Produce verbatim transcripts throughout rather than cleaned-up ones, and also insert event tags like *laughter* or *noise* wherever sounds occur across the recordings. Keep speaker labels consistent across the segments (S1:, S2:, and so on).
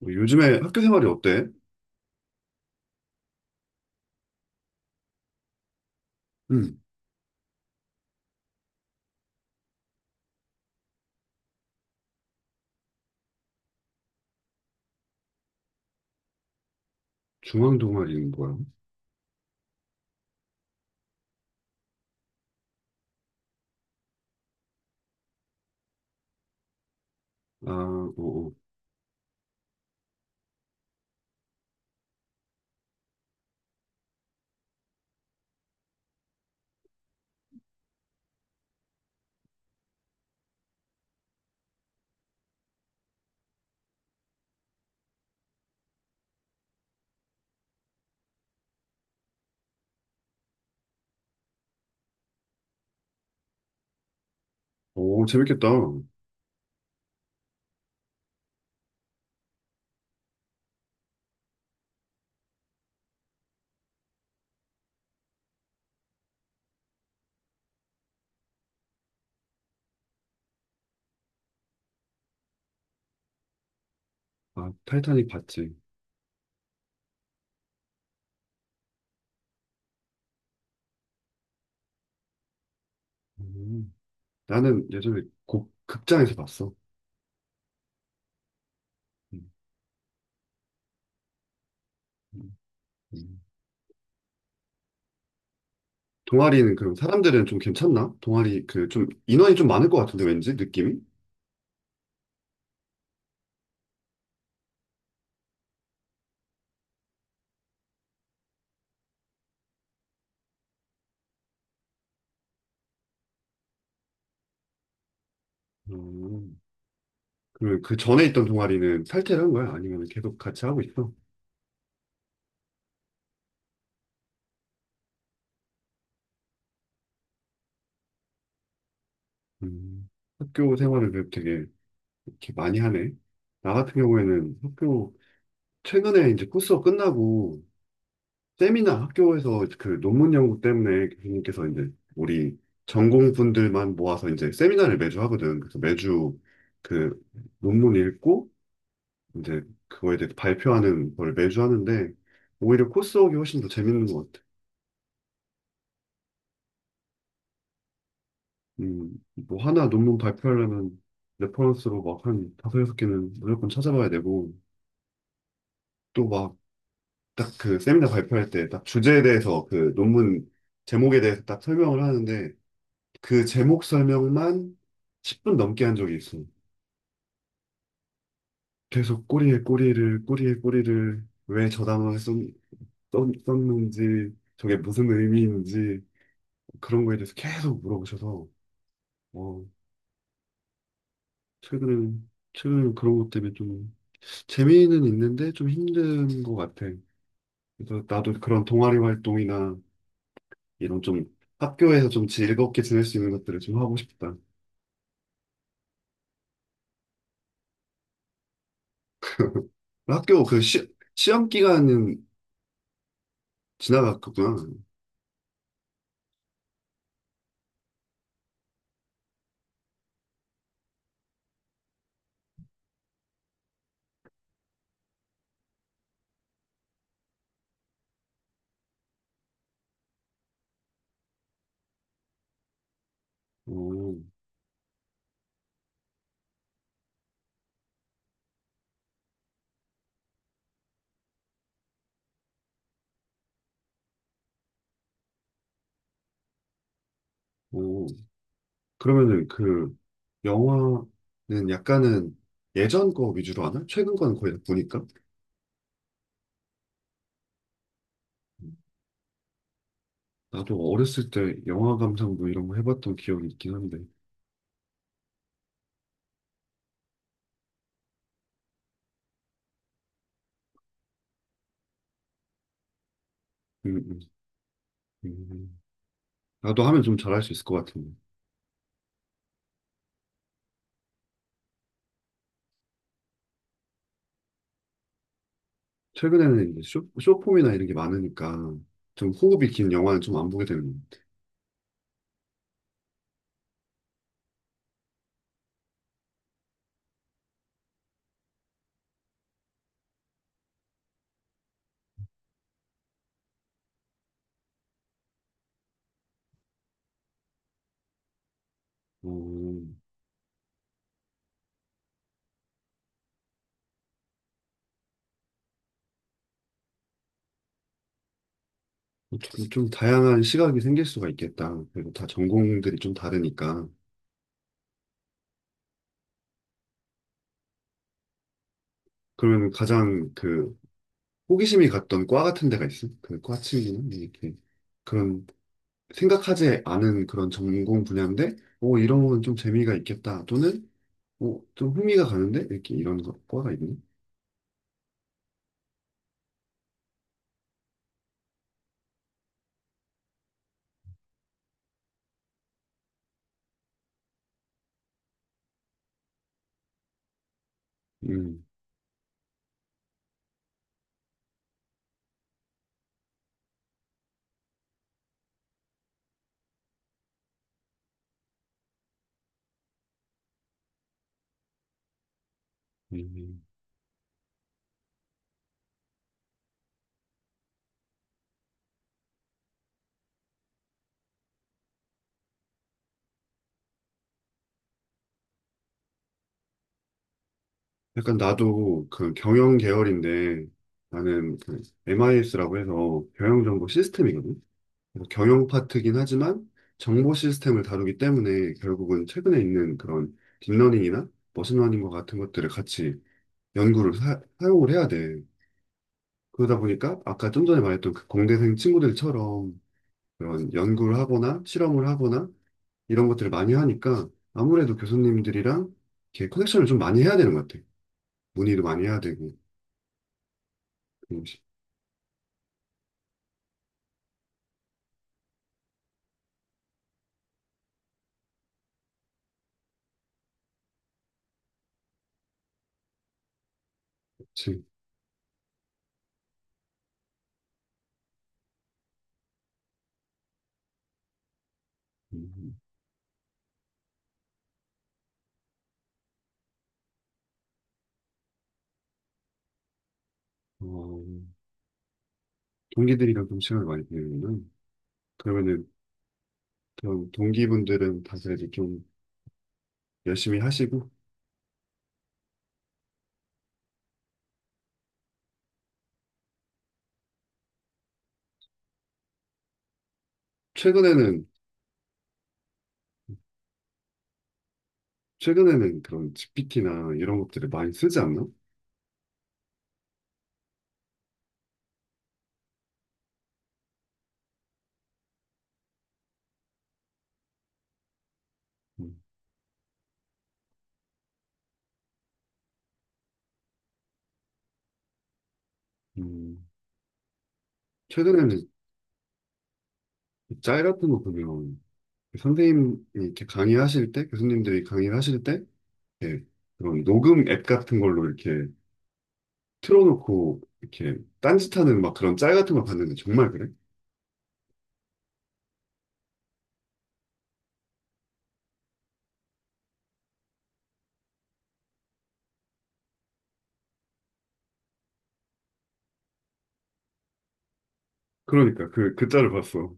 S1: 뭐 요즘에 학교 생활이 어때? 응. 중앙 동아리는 뭐야? 아, 오, 오, 오, 재밌겠다. 아, 타이타닉 봤지. 음, 나는 예전에 곡, 극장에서 봤어. 음, 음, 음. 동아리는 그럼 사람들은 좀 괜찮나? 동아리 그 좀 인원이 좀 많을 것 같은데 왠지 느낌이? 음, 그러면 그 전에 있던 동아리는 탈퇴를 한 거야? 아니면 계속 같이 하고 있어? 음, 학교 생활을 그래도 되게 이렇게 많이 하네. 나 같은 경우에는 학교 최근에 이제 코스가 끝나고 세미나 학교에서 그 논문 연구 때문에 교수님께서 이제 우리 전공분들만 모아서 이제 세미나를 매주 하거든. 그래서 매주 그 논문 읽고 이제 그거에 대해서 발표하는 걸 매주 하는데 오히려 코스웍이 훨씬 더 재밌는 것 같아. 음, 뭐 하나 논문 발표하려면 레퍼런스로 막 한 다섯 여섯 개는 무조건 찾아봐야 되고 또 막 딱 그 세미나 발표할 때 딱 주제에 대해서 그 논문 제목에 대해서 딱 설명을 하는데 그 제목 설명만 십 분 넘게 한 적이 있어. 계속 꼬리에 꼬리를, 꼬리에 꼬리를 왜 저 단어를 썼, 는지 저게 무슨 의미인지, 그런 거에 대해서 계속 물어보셔서, 어, 최근에, 최근에 그런 것 때문에 좀, 재미는 있는데 좀 힘든 것 같아. 그래서 나도 그런 동아리 활동이나 이런 좀 학교에서 좀 즐겁게 지낼 수 있는 것들을 좀 하고 싶다. 학교 그 시, 시험 기간은 지나갔구나. 오, 오. 그러면은 그 영화는 약간은 예전 거 위주로 하나? 최근 거는 거의 다 보니까. 나도 어렸을 때 영화 감상 뭐 이런 거 해봤던 기억이 있긴 한데. 음, 음, 음. 나도 하면 좀 잘할 수 있을 것 같은데. 최근에는 이제 쇼, 쇼폼이나 이런 게 많으니까 좀 호흡이 긴 영화는 좀 안 보게 되는 것같 어, 좀, 좀 다양한 시각이 생길 수가 있겠다. 그리고 다 전공들이 좀 다르니까. 그러면 가장 그 호기심이 갔던 과 같은 데가 있어? 그 과 친구는 네, 이렇게 그런 생각하지 않은 그런 전공 분야인데, 오 이런 건 좀 재미가 있겠다. 또는 오좀 흥미가 가는데 이렇게 이런 거 과가 있니? 음, 음. 약간 나도 그 경영 계열인데 나는 그 엠아이에스라고 해서 경영 정보 시스템이거든. 그래서 경영 파트긴 하지만 정보 시스템을 다루기 때문에 결국은 최근에 있는 그런 딥러닝이나 머신러닝과 같은 것들을 같이 연구를 사, 용을 해야 돼. 그러다 보니까 아까 좀 전에 말했던 그 공대생 친구들처럼 그런 연구를 하거나 실험을 하거나 이런 것들을 많이 하니까 아무래도 교수님들이랑 이렇게 커넥션을 좀 많이 해야 되는 것 같아. 문의도 많이 해야 되고. 그렇지. 음, 어, 동기들이랑 좀 시간을 많이 보내는구나. 그러면은 그런 동기분들은 다들 이제 좀 열심히 하시고 최근에는 최근에는 그런 지피티나 이런 것들을 많이 쓰지 않나? 음. 음. 최근에는 짤 같은 거 보면 선생님이 이렇게 강의하실 때 교수님들이 강의를 하실 때 이렇게 그런 녹음 앱 같은 걸로 이렇게 틀어놓고 이렇게 딴짓하는 막 그런 짤 같은 거 봤는데 정말 그래? 그러니까 그 그 짤을 봤어.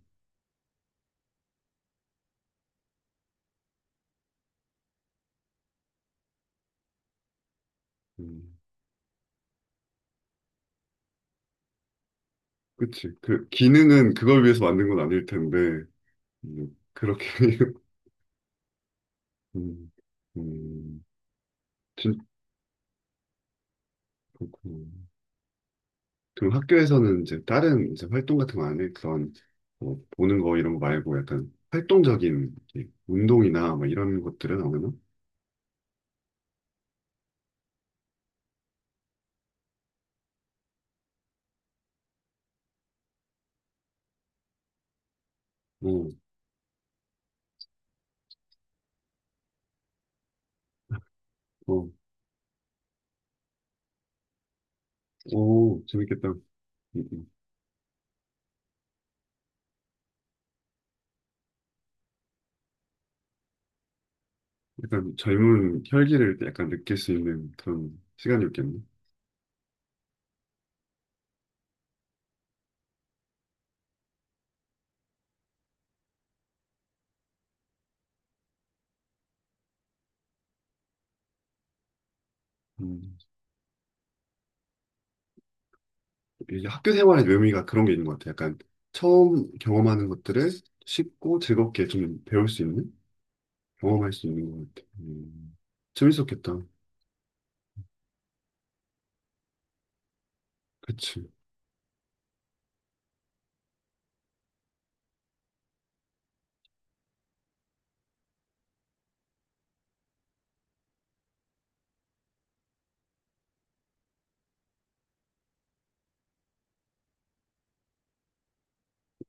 S1: 음, 그치. 그 기능은 그걸 위해서 만든 건 아닐 텐데. 음, 그렇게 *laughs* 음, 음, 진짜 그렇구나. 그럼 학교에서는 이제 다른 이제 활동 같은 거 안 해? 그런 뭐 보는 거 이런 거 말고 약간 활동적인 이렇게 운동이나 뭐 이런 것들은 안 하나? 오, 어, 오, 재밌겠다. 음, 음. 약간 젊은 혈기를 약간 느낄 수 있는 그런 시간이었겠네. 음. 이게 학교 생활의 묘미가 그런 게 있는 것 같아. 약간 처음 경험하는 것들을 쉽고 즐겁게 좀 배울 수 있는, 경험할 수 있는 것 같아. 음. 재밌었겠다. 그치.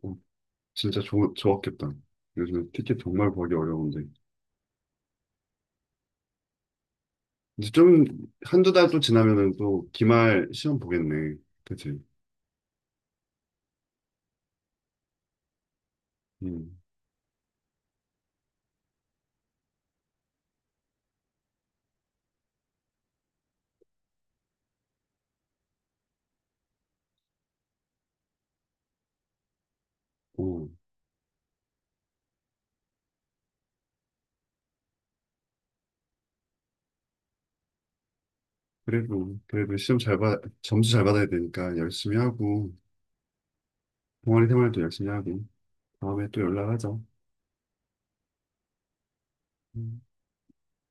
S1: 어. 진짜 좋, 좋았겠다. 요즘 티켓 정말 구하기 어려운데. 이제 좀 한 두 달 또 지나면은 또 기말 시험 보겠네. 그치? 음. 오. 그래도, 그래도 시험 잘 받, 점수 잘 받아야 되니까 열심히 하고, 동아리 생활도 열심히 하고, 다음에 또 연락하자. 음.